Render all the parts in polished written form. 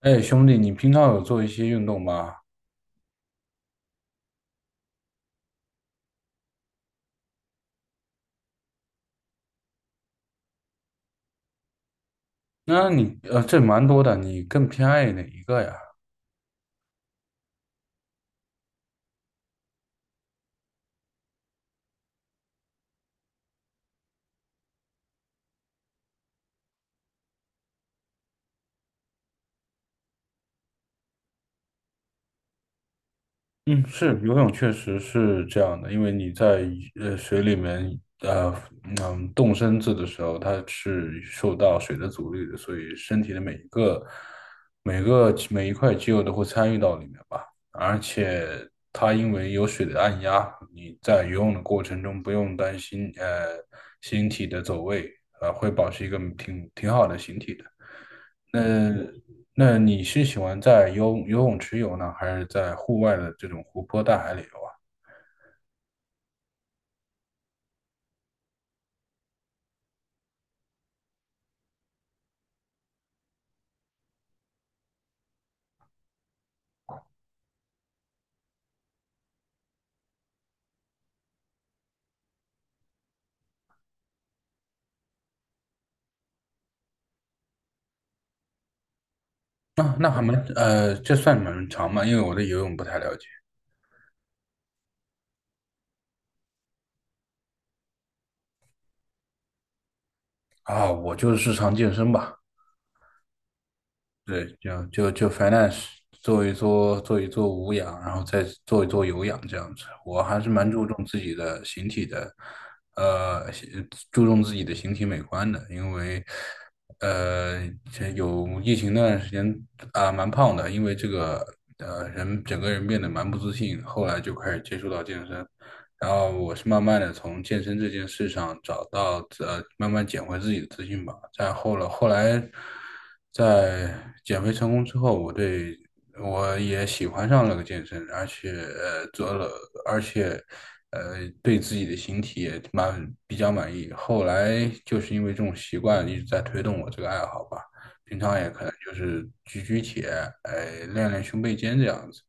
哎，兄弟，你平常有做一些运动吗？那这蛮多的，你更偏爱哪一个呀？嗯，游泳确实是这样的，因为你在水里面，嗯，动身子的时候，它是受到水的阻力的，所以身体的每一个、每个每一块肌肉都会参与到里面吧。而且它因为有水的按压，你在游泳的过程中不用担心形体的走位，呃，会保持一个挺好的形体的。那那你是喜欢在游泳池游呢，还是在户外的这种湖泊大海里游啊？那那还没，呃，这算蛮长嘛，因为我对游泳不太了解啊。我就是日常健身吧。对，就 finance 做一做无氧，然后再做一做有氧这样子。我还是蛮注重自己的形体的，呃，形注重自己的形体美观的，因为呃，这有疫情那段时间啊，蛮胖的，因为这个整个人变得蛮不自信，后来就开始接触到健身。然后我是慢慢的从健身这件事上找到呃，慢慢捡回自己的自信吧。再后来，后来在减肥成功之后，我也喜欢上了个健身，而且呃对自己的形体也蛮比较满意。后来就是因为这种习惯一直在推动我这个爱好吧，平常也可能就是举举铁，哎、练练胸背肩这样子。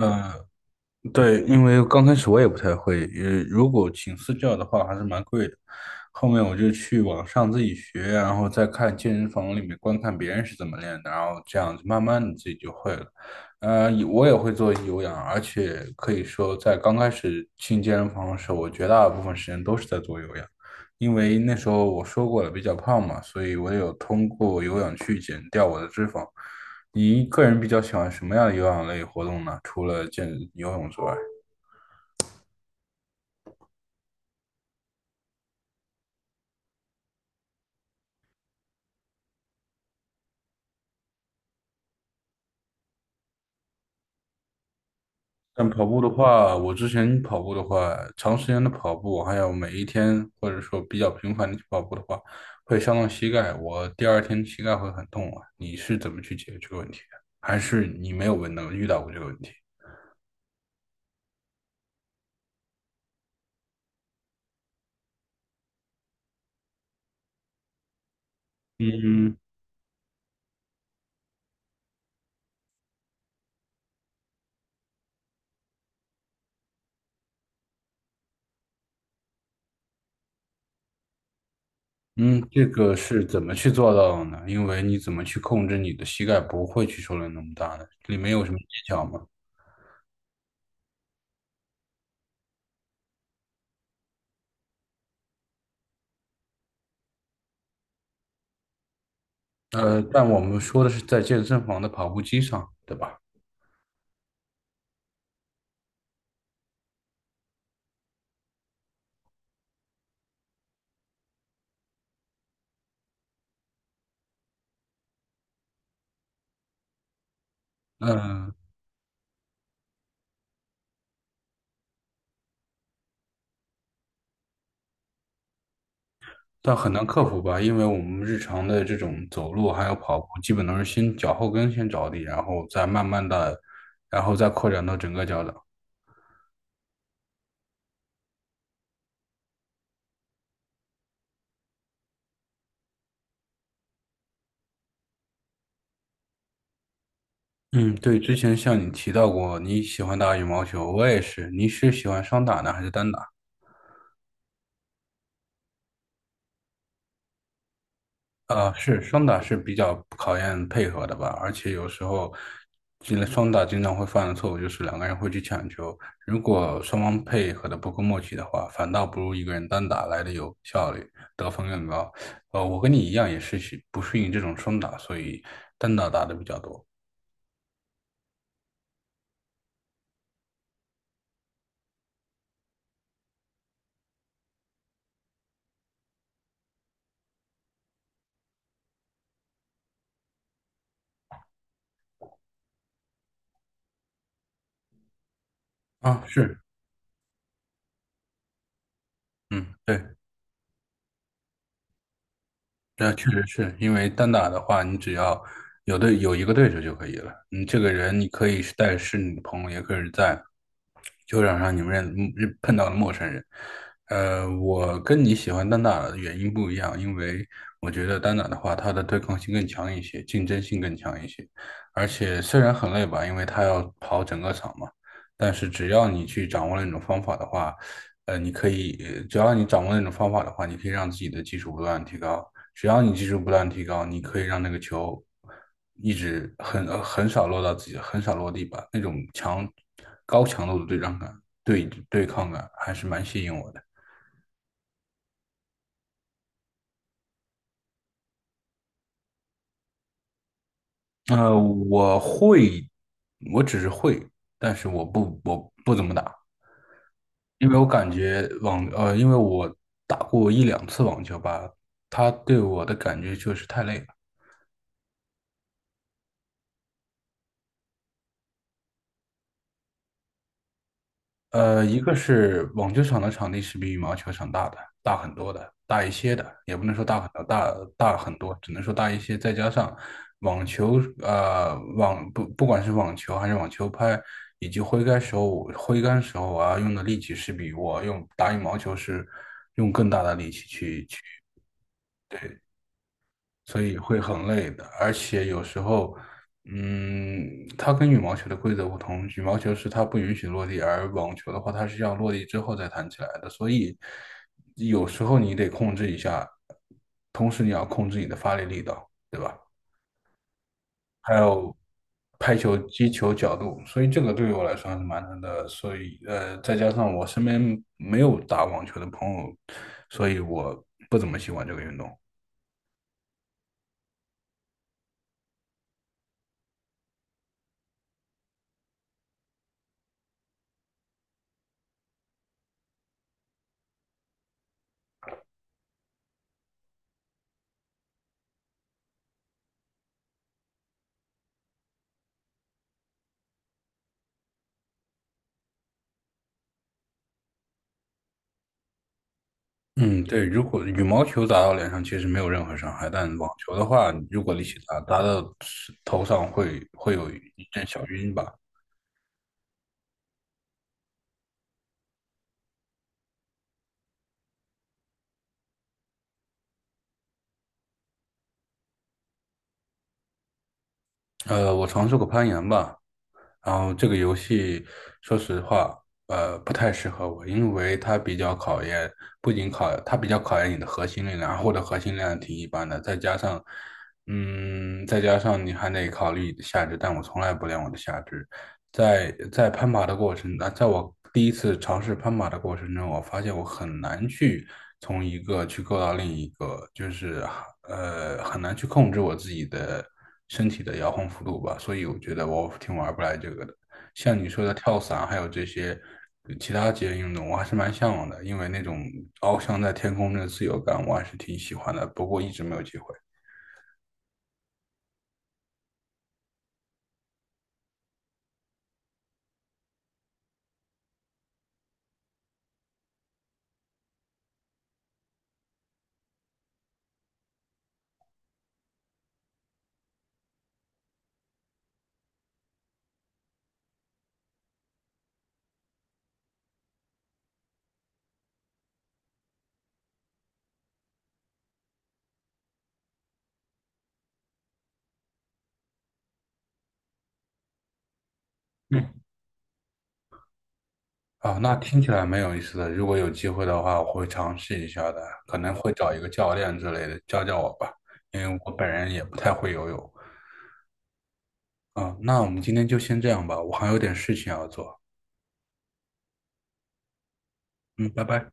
嗯，对，因为刚开始我也不太会，呃，如果请私教的话还是蛮贵的。后面我就去网上自己学，然后再看健身房里面观看别人是怎么练的，然后这样子慢慢的自己就会了。呃，我也会做有氧，而且可以说在刚开始进健身房的时候，我绝大部分时间都是在做有氧，因为那时候我说过了比较胖嘛，所以我有通过有氧去减掉我的脂肪。你个人比较喜欢什么样的有氧类活动呢？除了游泳之外，但跑步的话，我之前跑步的话，长时间的跑步，还有每一天或者说比较频繁的去跑步的话，会伤到膝盖，我第二天膝盖会很痛啊。你是怎么去解决这个问题的？还是你没有遇到过这个问题？嗯嗯，这个是怎么去做到的呢？因为你怎么去控制你的膝盖不会去受到那么大的？里没有什么技巧吗？呃，但我们说的是在健身房的跑步机上，对吧？嗯，但很难克服吧，因为我们日常的这种走路还有跑步，基本都是先脚后跟先着地，然后再慢慢的，然后再扩展到整个脚掌。嗯，对，之前像你提到过你喜欢打羽毛球，我也是。你是喜欢双打呢，还是单打？啊，双打是比较考验配合的吧，而且有时候，进了双打经常会犯的错误就是两个人会去抢球，如果双方配合的不够默契的话，反倒不如一个人单打来的有效率，得分更高。呃，我跟你一样也是喜不适应这种双打，所以单打打的比较多。啊，是，嗯，对。那确实是因为单打的话，你只要有一个对手就可以了。你这个人，你可以是你的朋友，也可以是在球场上你们碰到了陌生人。呃，我跟你喜欢单打的原因不一样，因为我觉得单打的话，它的对抗性更强一些，竞争性更强一些，而且虽然很累吧，因为它要跑整个场嘛，但是只要你去掌握那种方法的话，呃，你可以，呃只要你掌握那种方法的话，你可以让自己的技术不断地提高。只要你技术不断提高，你可以让那个球一直很少落到自己，很少落地吧。那种强高强度的对战感、对抗感还是蛮吸引我的。呃，我会，我只是会，但是我不怎么打，因为我感觉网呃，因为我打过一两次网球吧，它对我的感觉就是太累了。呃，一个是网球场的场地是比羽毛球场大的，大很多的，大一些的，也不能说大很多，很多，只能说大一些。再加上网球，呃，网不不管是网球还是网球拍，以及挥杆时候我要用的力气是比我用打羽毛球是用更大的力气去。对。所以会很累的。而且有时候，嗯，它跟羽毛球的规则不同，羽毛球是它不允许落地，而网球的话，它是要落地之后再弹起来的。所以有时候你得控制一下，同时你要控制你的发力力道，对吧？还有拍球、击球角度，所以这个对于我来说还是蛮难的。所以呃，再加上我身边没有打网球的朋友，所以我不怎么喜欢这个运动。嗯，对，如果羽毛球打到脸上其实没有任何伤害，但网球的话，如果力气大，打到头上会有一阵小晕吧。呃，我尝试过攀岩吧，然后这个游戏说实话，呃，不太适合我，因为它比较考验，不仅考，它比较考验你的核心力量，然或的核心力量挺一般的，再加上，嗯，再加上你还得考虑你的下肢，但我从来不练我的下肢，在攀爬的过程，啊，在我第一次尝试攀爬的过程中，我发现我很难去从一个去够到另一个，很难去控制我自己的身体的摇晃幅度吧，所以我觉得我挺玩不来这个的。像你说的跳伞，还有这些其他极限运动，我还是蛮向往的，因为那种翱翔在天空的自由感，我还是挺喜欢的，不过一直没有机会。啊，那听起来蛮有意思的。如果有机会的话，我会尝试一下的，可能会找一个教练之类的教教我吧，因为我本人也不太会游泳。啊，那我们今天就先这样吧，我还有点事情要做。嗯，拜拜。